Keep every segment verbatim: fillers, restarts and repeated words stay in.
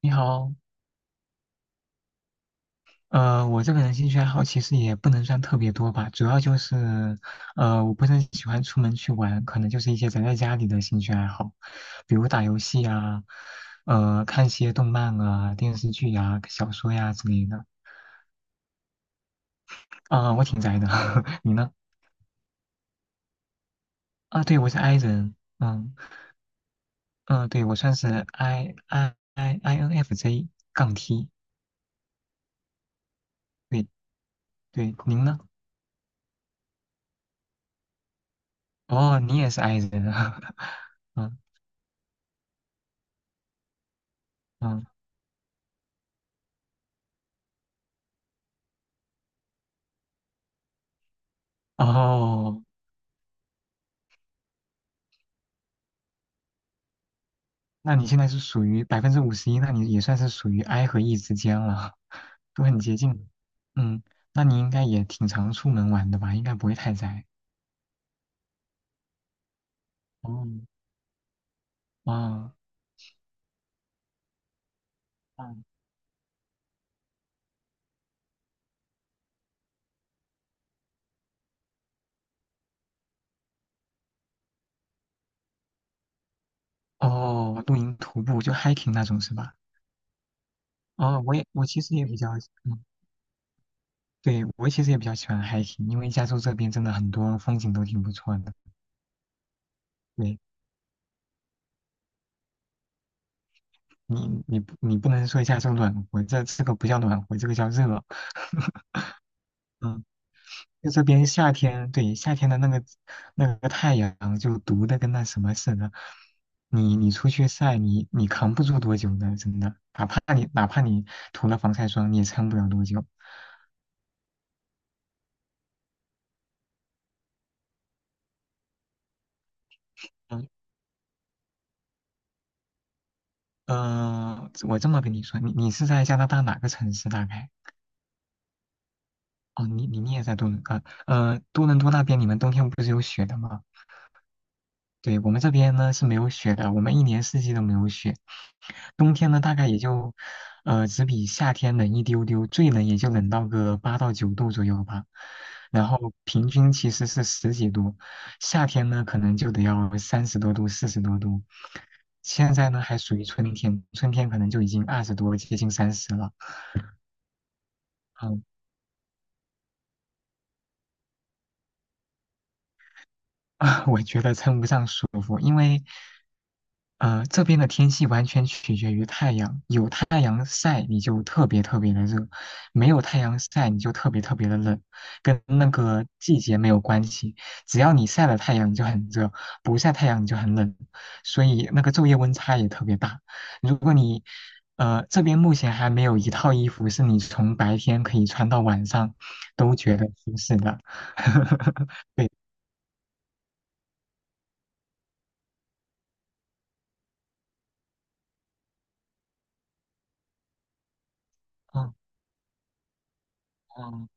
你好，呃，我这个人兴趣爱好其实也不能算特别多吧，主要就是，呃，我不是很喜欢出门去玩，可能就是一些宅在家里的兴趣爱好，比如打游戏啊，呃，看些动漫啊、电视剧呀、小说呀、之类的。啊、我挺宅的，你呢？啊，对，我是 I 人。嗯嗯、呃对，我算是 I I I INFJ 杠 T，对对，您呢？哦，你也是 I 人啊，嗯嗯，哦。那你现在是属于百分之五十一，那你也算是属于 I 和 E 之间了，都很接近。嗯，那你应该也挺常出门玩的吧？应该不会太宅。哦，哦嗯，哦，露营、徒步就 hiking 那种是吧？哦，我也我其实也比较，嗯，对，我其实也比较喜欢 hiking，因为加州这边真的很多风景都挺不错的。对你，你不你不能说加州暖和，这这个不叫暖和，这个叫热。嗯就这边夏天，对，夏天的那个那个太阳就毒的跟那什么似的，你你出去晒，你你扛不住多久的，真的，哪怕你哪怕你涂了防晒霜，你也撑不了多久。嗯呃，我这么跟你说，你你是在加拿大哪个城市大概？哦，你你你也在多伦啊？呃，多伦多那边你们冬天不是有雪的吗？对，我们这边呢是没有雪的，我们一年四季都没有雪。冬天呢，大概也就，呃，只比夏天冷一丢丢，最冷也就冷到个八到九度左右吧。然后平均其实是十几度，夏天呢可能就得要三十多度、四十多度。现在呢还属于春天，春天可能就已经二十多，接近三十了。嗯啊，我觉得称不上舒服，因为呃这边的天气完全取决于太阳，有太阳晒你就特别特别的热，没有太阳晒你就特别特别的冷，跟那个季节没有关系。只要你晒了太阳你就很热，不晒太阳你就很冷，所以那个昼夜温差也特别大。如果你呃这边目前还没有一套衣服是你从白天可以穿到晚上都觉得舒适的。嗯嗯，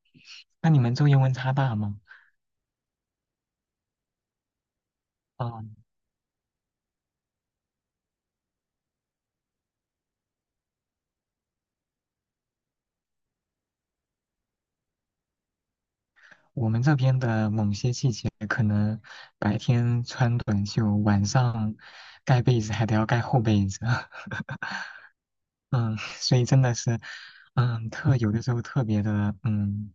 那你们昼夜温差大吗？啊、我们这边的某些季节，可能白天穿短袖，晚上盖被子还得要盖厚被子。嗯，所以真的是，嗯，特有的时候特别的，嗯，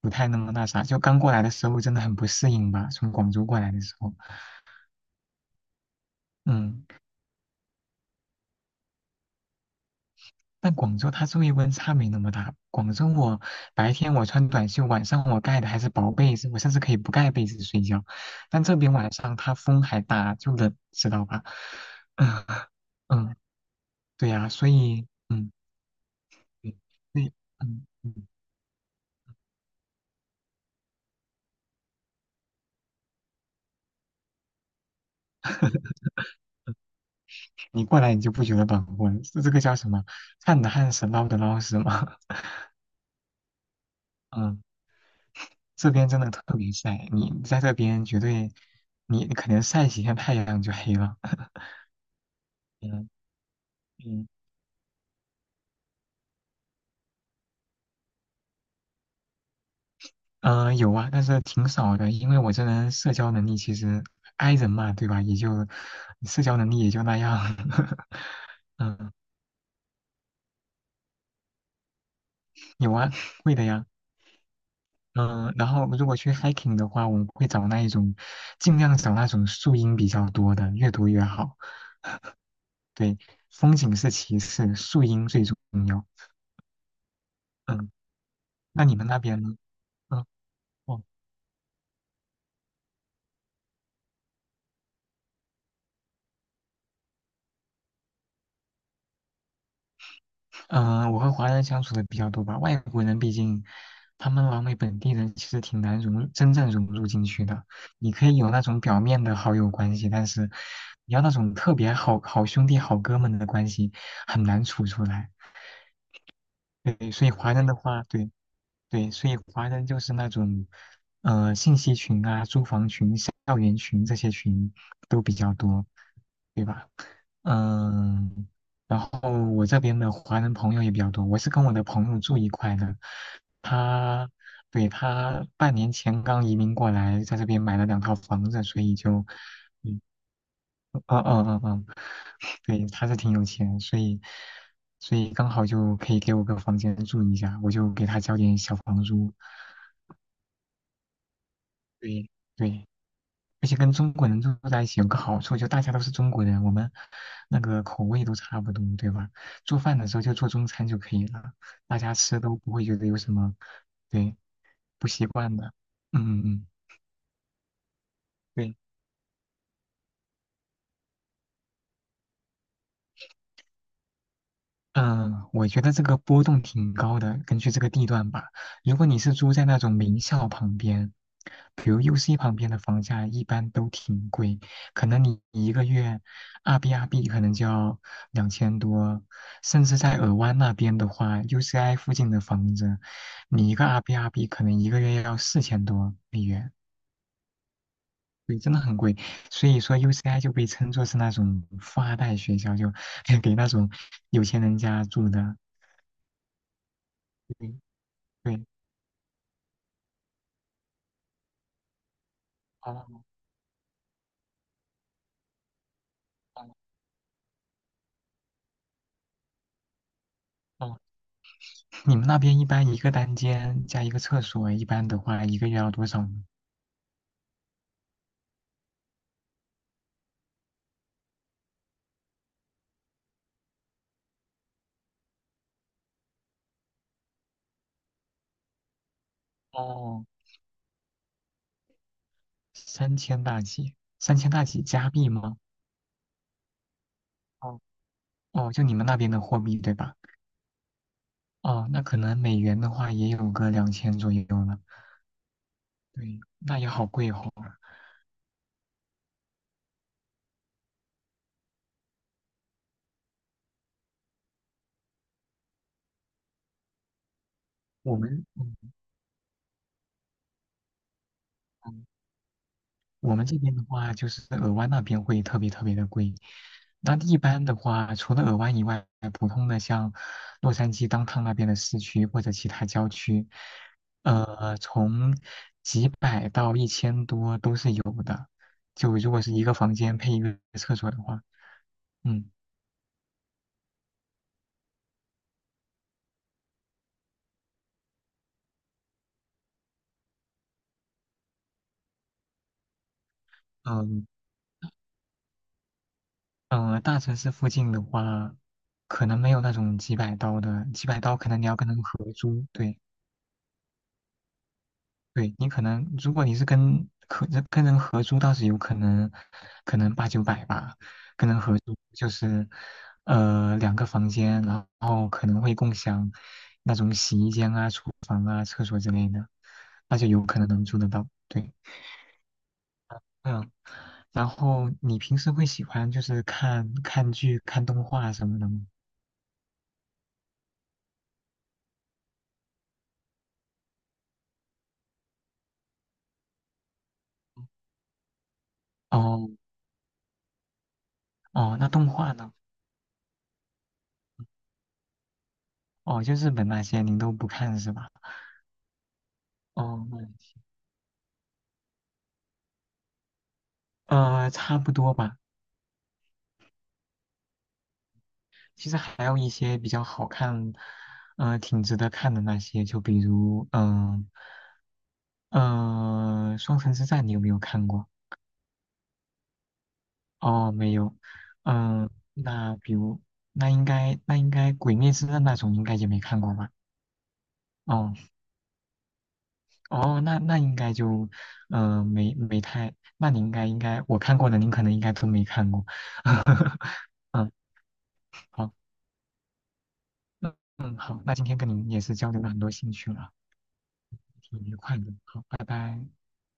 不太那么那啥。就刚过来的时候，真的很不适应吧，从广州过来的时候，嗯。但广州它昼夜温差没那么大。广州我白天我穿短袖，晚上我盖的还是薄被子，我甚至可以不盖被子睡觉。但这边晚上它风还大，就冷，知道吧？嗯嗯，对呀、所以嗯对对，嗯嗯，你过来你就不觉得暖和了，这这个叫什么？旱的旱死，涝的涝死吗？嗯，这边真的特别晒，你在这边绝对，你你可能晒几天太阳就黑了。嗯嗯。嗯，有啊，但是挺少的，因为我这人社交能力其实 i 人嘛，对吧？也就社交能力也就那样。嗯，有啊，会的呀。嗯，然后如果去 hiking 的话，我们会找那一种，尽量找那种树荫比较多的，越多越好。对，风景是其次，树荫最重要。嗯，那你们那边呢？嗯。哦，嗯、呃我和华人相处的比较多吧，外国人毕竟他们老美本地人，其实挺难融，真正融入进去的。你可以有那种表面的好友关系，但是你要那种特别好好兄弟、好哥们的关系，很难处出来。对，所以华人的话，对对，所以华人就是那种，呃，信息群啊、租房群、校园群这些群都比较多，对吧？嗯，然后我这边的华人朋友也比较多，我是跟我的朋友住一块的，他，对，他半年前刚移民过来，在这边买了两套房子，所以就。嗯。啊啊啊啊！对，他是挺有钱，所以所以刚好就可以给我个房间住一下，我就给他交点小房租。对对，而且跟中国人住在一起有个好处，就大家都是中国人，我们那个口味都差不多，对吧？做饭的时候就做中餐就可以了，大家吃都不会觉得有什么对不习惯的。嗯嗯嗯，对。嗯，呃我觉得这个波动挺高的，根据这个地段吧。如果你是租在那种名校旁边，比如 U C 旁边的房价一般都挺贵，可能你一个月二 B 二 B 可能就要两千多，甚至在尔湾那边的话，U C I 附近的房子，你一个二 B 二 B 可能一个月要四千多美元。对，真的很贵，所以说 U C I 就被称作是那种富二代学校，就 给那种有钱人家住的。对，哦哦，你们那边一般一个单间加一个厕所，一般的话一个月要多少呢？哦，三千大几，三千大几加币吗？哦，哦，就你们那边的货币对吧？哦，那可能美元的话也有个两千左右了。对，那也好贵哦。我们，嗯。我们这边的话，就是尔湾那边会特别特别的贵。那一般的话，除了尔湾以外，普通的像洛杉矶当 o 那边的市区或者其他郊区，呃，从几百到一千多都是有的。就如果是一个房间配一个厕所的话，嗯嗯嗯，呃大城市附近的话，可能没有那种几百刀的，几百刀可能你要跟人合租，对。对你可能，如果你是跟合跟人合租，倒是有可能，可能八九百吧。跟人合租就是，呃，两个房间，然后可能会共享那种洗衣间啊、厨房啊、厕所之类的，那就有可能能租得到。对，嗯，然后你平时会喜欢就是看看剧、看动画什么的吗？哦哦，那动画呢？哦，就日本那些您都不看是吧？哦，那呃，差不多吧。其实还有一些比较好看，呃，挺值得看的那些，就比如，嗯、嗯，《双城之战》，你有没有看过？哦，没有。嗯、那比如，那应该，那应该《鬼灭之刃》那种应该也没看过吧？哦，哦，那那应该就，嗯，没没太，那你应该应该，我看过的您可能应该都没看过。嗯，好，嗯，好，那今天跟您也是交流了很多兴趣了，挺愉快的。好，拜拜。